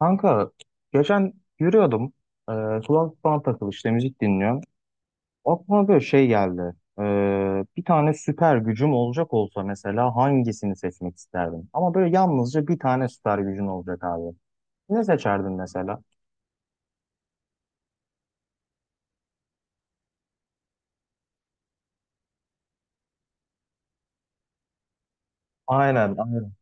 Kanka geçen yürüyordum. E, Kulaklık falan takılı işte müzik dinliyorum. Aklıma böyle şey geldi. E, Bir tane süper gücüm olacak olsa mesela hangisini seçmek isterdim? Ama böyle yalnızca bir tane süper gücün olacak abi. Ne seçerdin mesela? Aynen, aynen.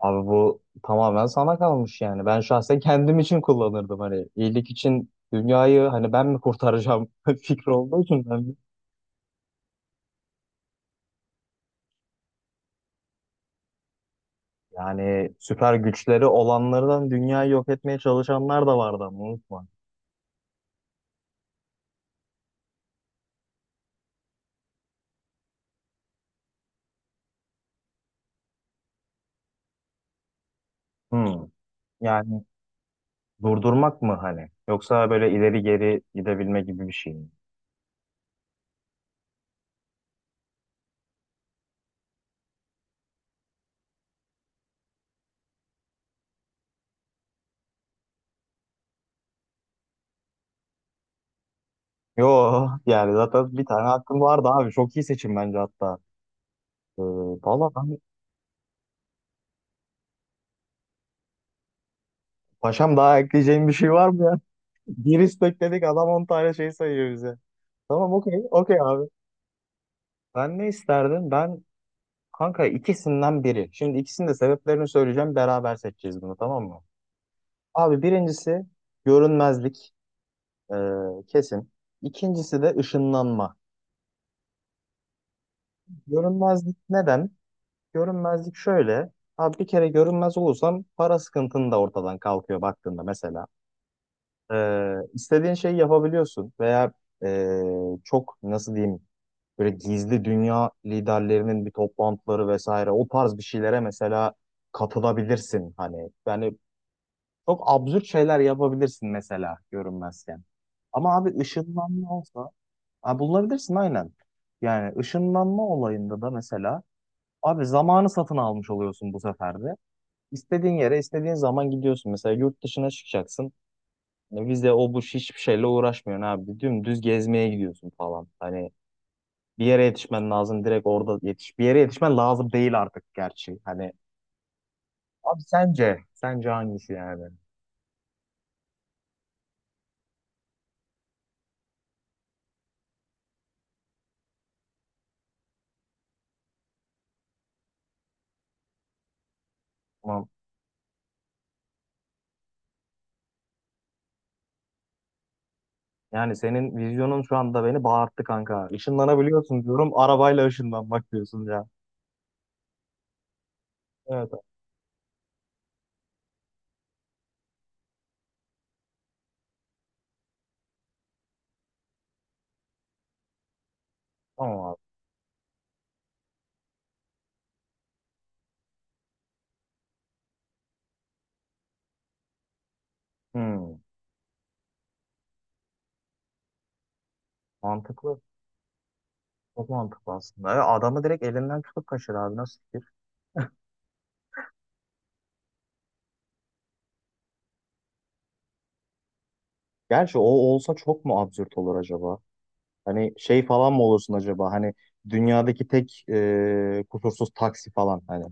Abi bu tamamen sana kalmış yani. Ben şahsen kendim için kullanırdım hani iyilik için dünyayı hani ben mi kurtaracağım fikri olduğu için ben. Yani süper güçleri olanlardan dünyayı yok etmeye çalışanlar da vardı ama unutma. Hmm. Yani durdurmak mı hani? Yoksa böyle ileri geri gidebilme gibi bir şey mi? Yo yani zaten bir tane hakkım vardı abi. Çok iyi seçim bence hatta. Ee, Valla ben paşam daha ekleyeceğim bir şey var mı ya? Bir istek dedik adam 10 tane şey sayıyor bize. Tamam okey okey abi. Ben ne isterdim? Ben kanka ikisinden biri. Şimdi ikisinin de sebeplerini söyleyeceğim. Beraber seçeceğiz bunu, tamam mı? Abi birincisi görünmezlik, e, kesin. İkincisi de ışınlanma. Görünmezlik neden? Görünmezlik şöyle. Abi bir kere görünmez olursan para sıkıntın da ortadan kalkıyor baktığında mesela. E, istediğin şeyi yapabiliyorsun veya e, çok nasıl diyeyim böyle gizli dünya liderlerinin bir toplantıları vesaire o tarz bir şeylere mesela katılabilirsin. Hani yani. Çok absürt şeyler yapabilirsin mesela görünmezken. Ama abi ışınlanma olsa. Ha, bulabilirsin aynen. Yani ışınlanma olayında da mesela abi zamanı satın almış oluyorsun bu sefer de. İstediğin yere istediğin zaman gidiyorsun. Mesela yurt dışına çıkacaksın. Ne vize o bu, hiçbir şeyle uğraşmıyorsun abi. Dümdüz gezmeye gidiyorsun falan. Hani bir yere yetişmen lazım, direkt orada yetiş. Bir yere yetişmen lazım değil artık gerçi. Hani abi sence hangisi yani? Tamam. Yani senin vizyonun şu anda beni bağırttı kanka. Işınlanabiliyorsun diyorum. Arabayla ışınlanmak diyorsun ya. Evet abi, tamam abi. Hmm, mantıklı. Çok mantıklı aslında. Ya adamı direkt elinden tutup kaçır abi, nasıl fikir? Gerçi o olsa çok mu absürt olur acaba? Hani şey falan mı olursun acaba? Hani dünyadaki tek kusursuz taksi falan hani.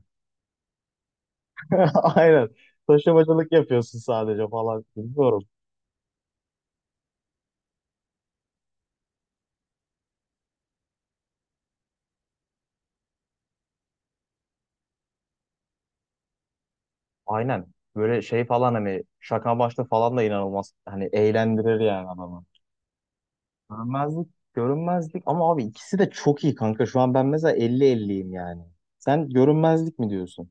Aynen. Taşımacılık yapıyorsun sadece falan. Bilmiyorum. Aynen. Böyle şey falan hani şaka başta falan da inanılmaz. Hani eğlendirir yani adamı. Görünmezlik, görünmezlik ama abi ikisi de çok iyi kanka. Şu an ben mesela elli elliyim yani. Sen görünmezlik mi diyorsun?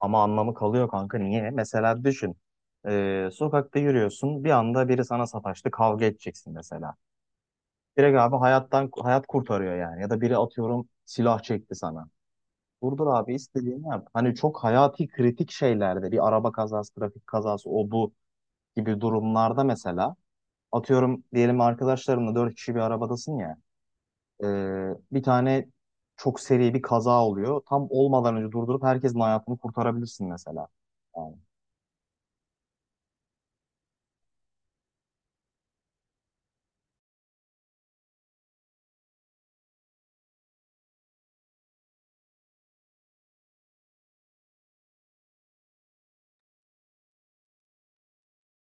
Ama anlamı kalıyor kanka, niye? Mesela düşün. Sokakta yürüyorsun. Bir anda biri sana sataştı. Kavga edeceksin mesela. Direkt abi hayattan hayat kurtarıyor yani. Ya da biri, atıyorum, silah çekti sana. Durdur abi, istediğini yap. Hani çok hayati kritik şeylerde bir araba kazası, trafik kazası o bu gibi durumlarda mesela atıyorum diyelim arkadaşlarımla dört kişi bir arabadasın ya. Bir tane çok seri bir kaza oluyor. Tam olmadan önce durdurup herkesin hayatını kurtarabilirsin mesela. Yani.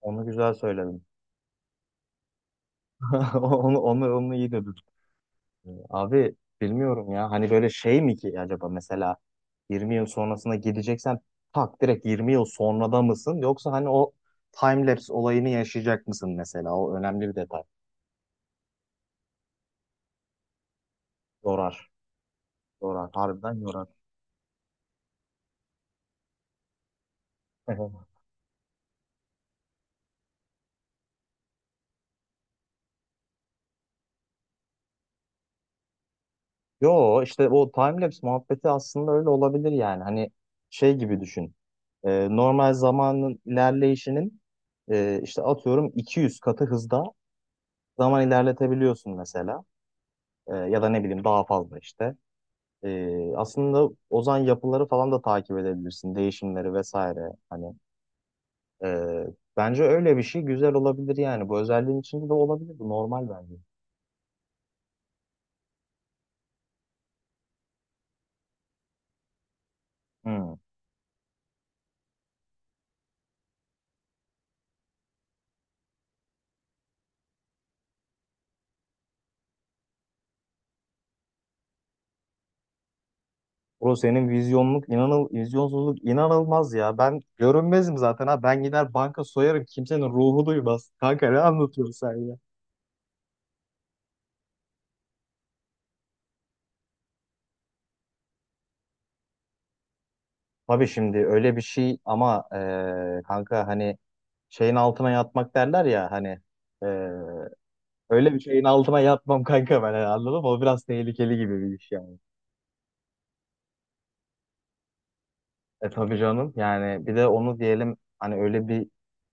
Onu güzel söyledin. Onu iyi dedin. Abi bilmiyorum ya. Hani böyle şey mi ki acaba mesela 20 yıl sonrasına gideceksen tak direkt 20 yıl sonrada mısın? Yoksa hani o time-lapse olayını yaşayacak mısın mesela? O önemli bir detay. Yorar. Yorar. Harbiden yorar. Yo işte o time-lapse muhabbeti aslında öyle olabilir yani. Hani şey gibi düşün. Normal zamanın ilerleyişinin işte atıyorum 200 katı hızda zaman ilerletebiliyorsun mesela. Ya da ne bileyim daha fazla işte. Aslında ozan yapıları falan da takip edebilirsin. Değişimleri vesaire. Hani e, bence öyle bir şey güzel olabilir yani. Bu özelliğin içinde de olabilir. Bu normal bence. Hmm. Bro senin vizyonsuzluk inanılmaz ya. Ben görünmezim zaten ha. Ben gider banka soyarım. Kimsenin ruhu duymaz. Kanka ne anlatıyorsun sen ya? Tabii şimdi öyle bir şey ama kanka hani şeyin altına yatmak derler ya hani e, öyle bir şeyin altına yatmam kanka ben yani, anladın mı? O biraz tehlikeli gibi bir iş yani. Tabii canım, yani bir de onu diyelim hani öyle bir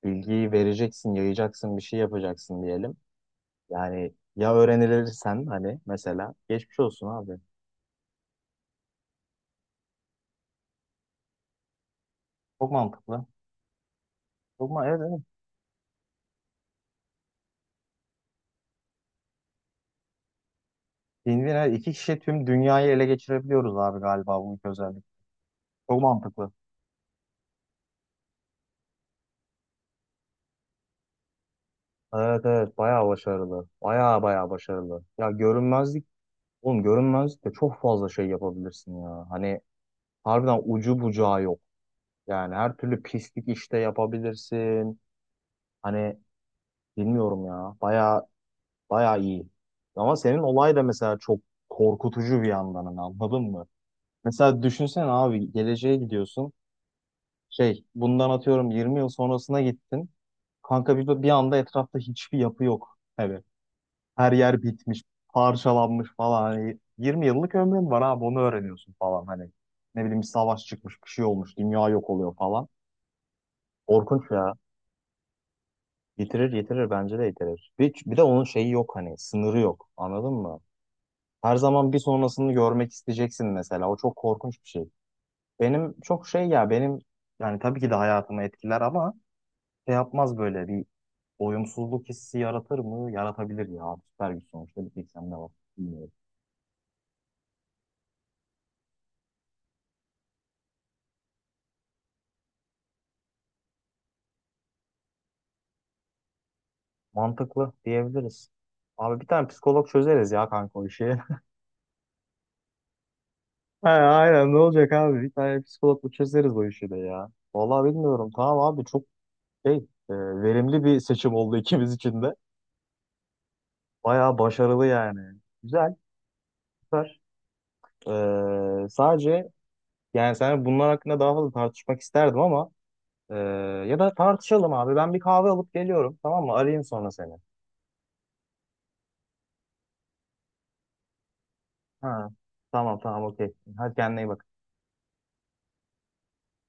bilgiyi vereceksin, yayacaksın, bir şey yapacaksın diyelim. Yani ya öğrenilirsen hani mesela geçmiş olsun abi. Çok mantıklı. Çok ma Evet, evet. Win-win, evet, iki kişi tüm dünyayı ele geçirebiliyoruz abi, galiba bu iki özellik. Çok mantıklı. Evet evet, bayağı başarılı. Bayağı bayağı başarılı. Ya görünmezlik, oğlum görünmezlik de çok fazla şey yapabilirsin ya. Hani harbiden ucu bucağı yok. Yani her türlü pislik işte yapabilirsin. Hani bilmiyorum ya. Bayağı bayağı iyi. Ama senin olay da mesela çok korkutucu bir yandan hani, anladın mı? Mesela düşünsene abi geleceğe gidiyorsun. Şey, bundan atıyorum 20 yıl sonrasına gittin. Kanka bir anda etrafta hiçbir yapı yok. Evet. Her yer bitmiş, parçalanmış falan. Hani 20 yıllık ömrün var abi, onu öğreniyorsun falan. Hani ne bileyim bir savaş çıkmış, bir şey olmuş, dünya yok oluyor falan. Korkunç ya. Yitirir yitirir bence de yitirir. Bir de onun şeyi yok, hani sınırı yok, anladın mı? Her zaman bir sonrasını görmek isteyeceksin mesela. O çok korkunç bir şey. Benim çok şey ya benim yani tabii ki de hayatımı etkiler ama şey yapmaz, böyle bir doyumsuzluk hissi yaratır mı? Yaratabilir ya. Süper güç sonuçta bir tek sende var. Mantıklı diyebiliriz. Abi bir tane psikolog çözeriz ya kanka o işi. He, aynen ne olacak abi? Bir tane psikologla çözeriz o işi de ya. Vallahi bilmiyorum. Tamam abi çok şey, e, verimli bir seçim oldu ikimiz için de. Bayağı başarılı yani. Güzel, süper. Sadece yani sen bunlar hakkında daha fazla tartışmak isterdim ama e, ya da tartışalım abi. Ben bir kahve alıp geliyorum. Tamam mı? Arayayım sonra seni. Ha. Tamam tamam okey. Hadi kendine iyi bak.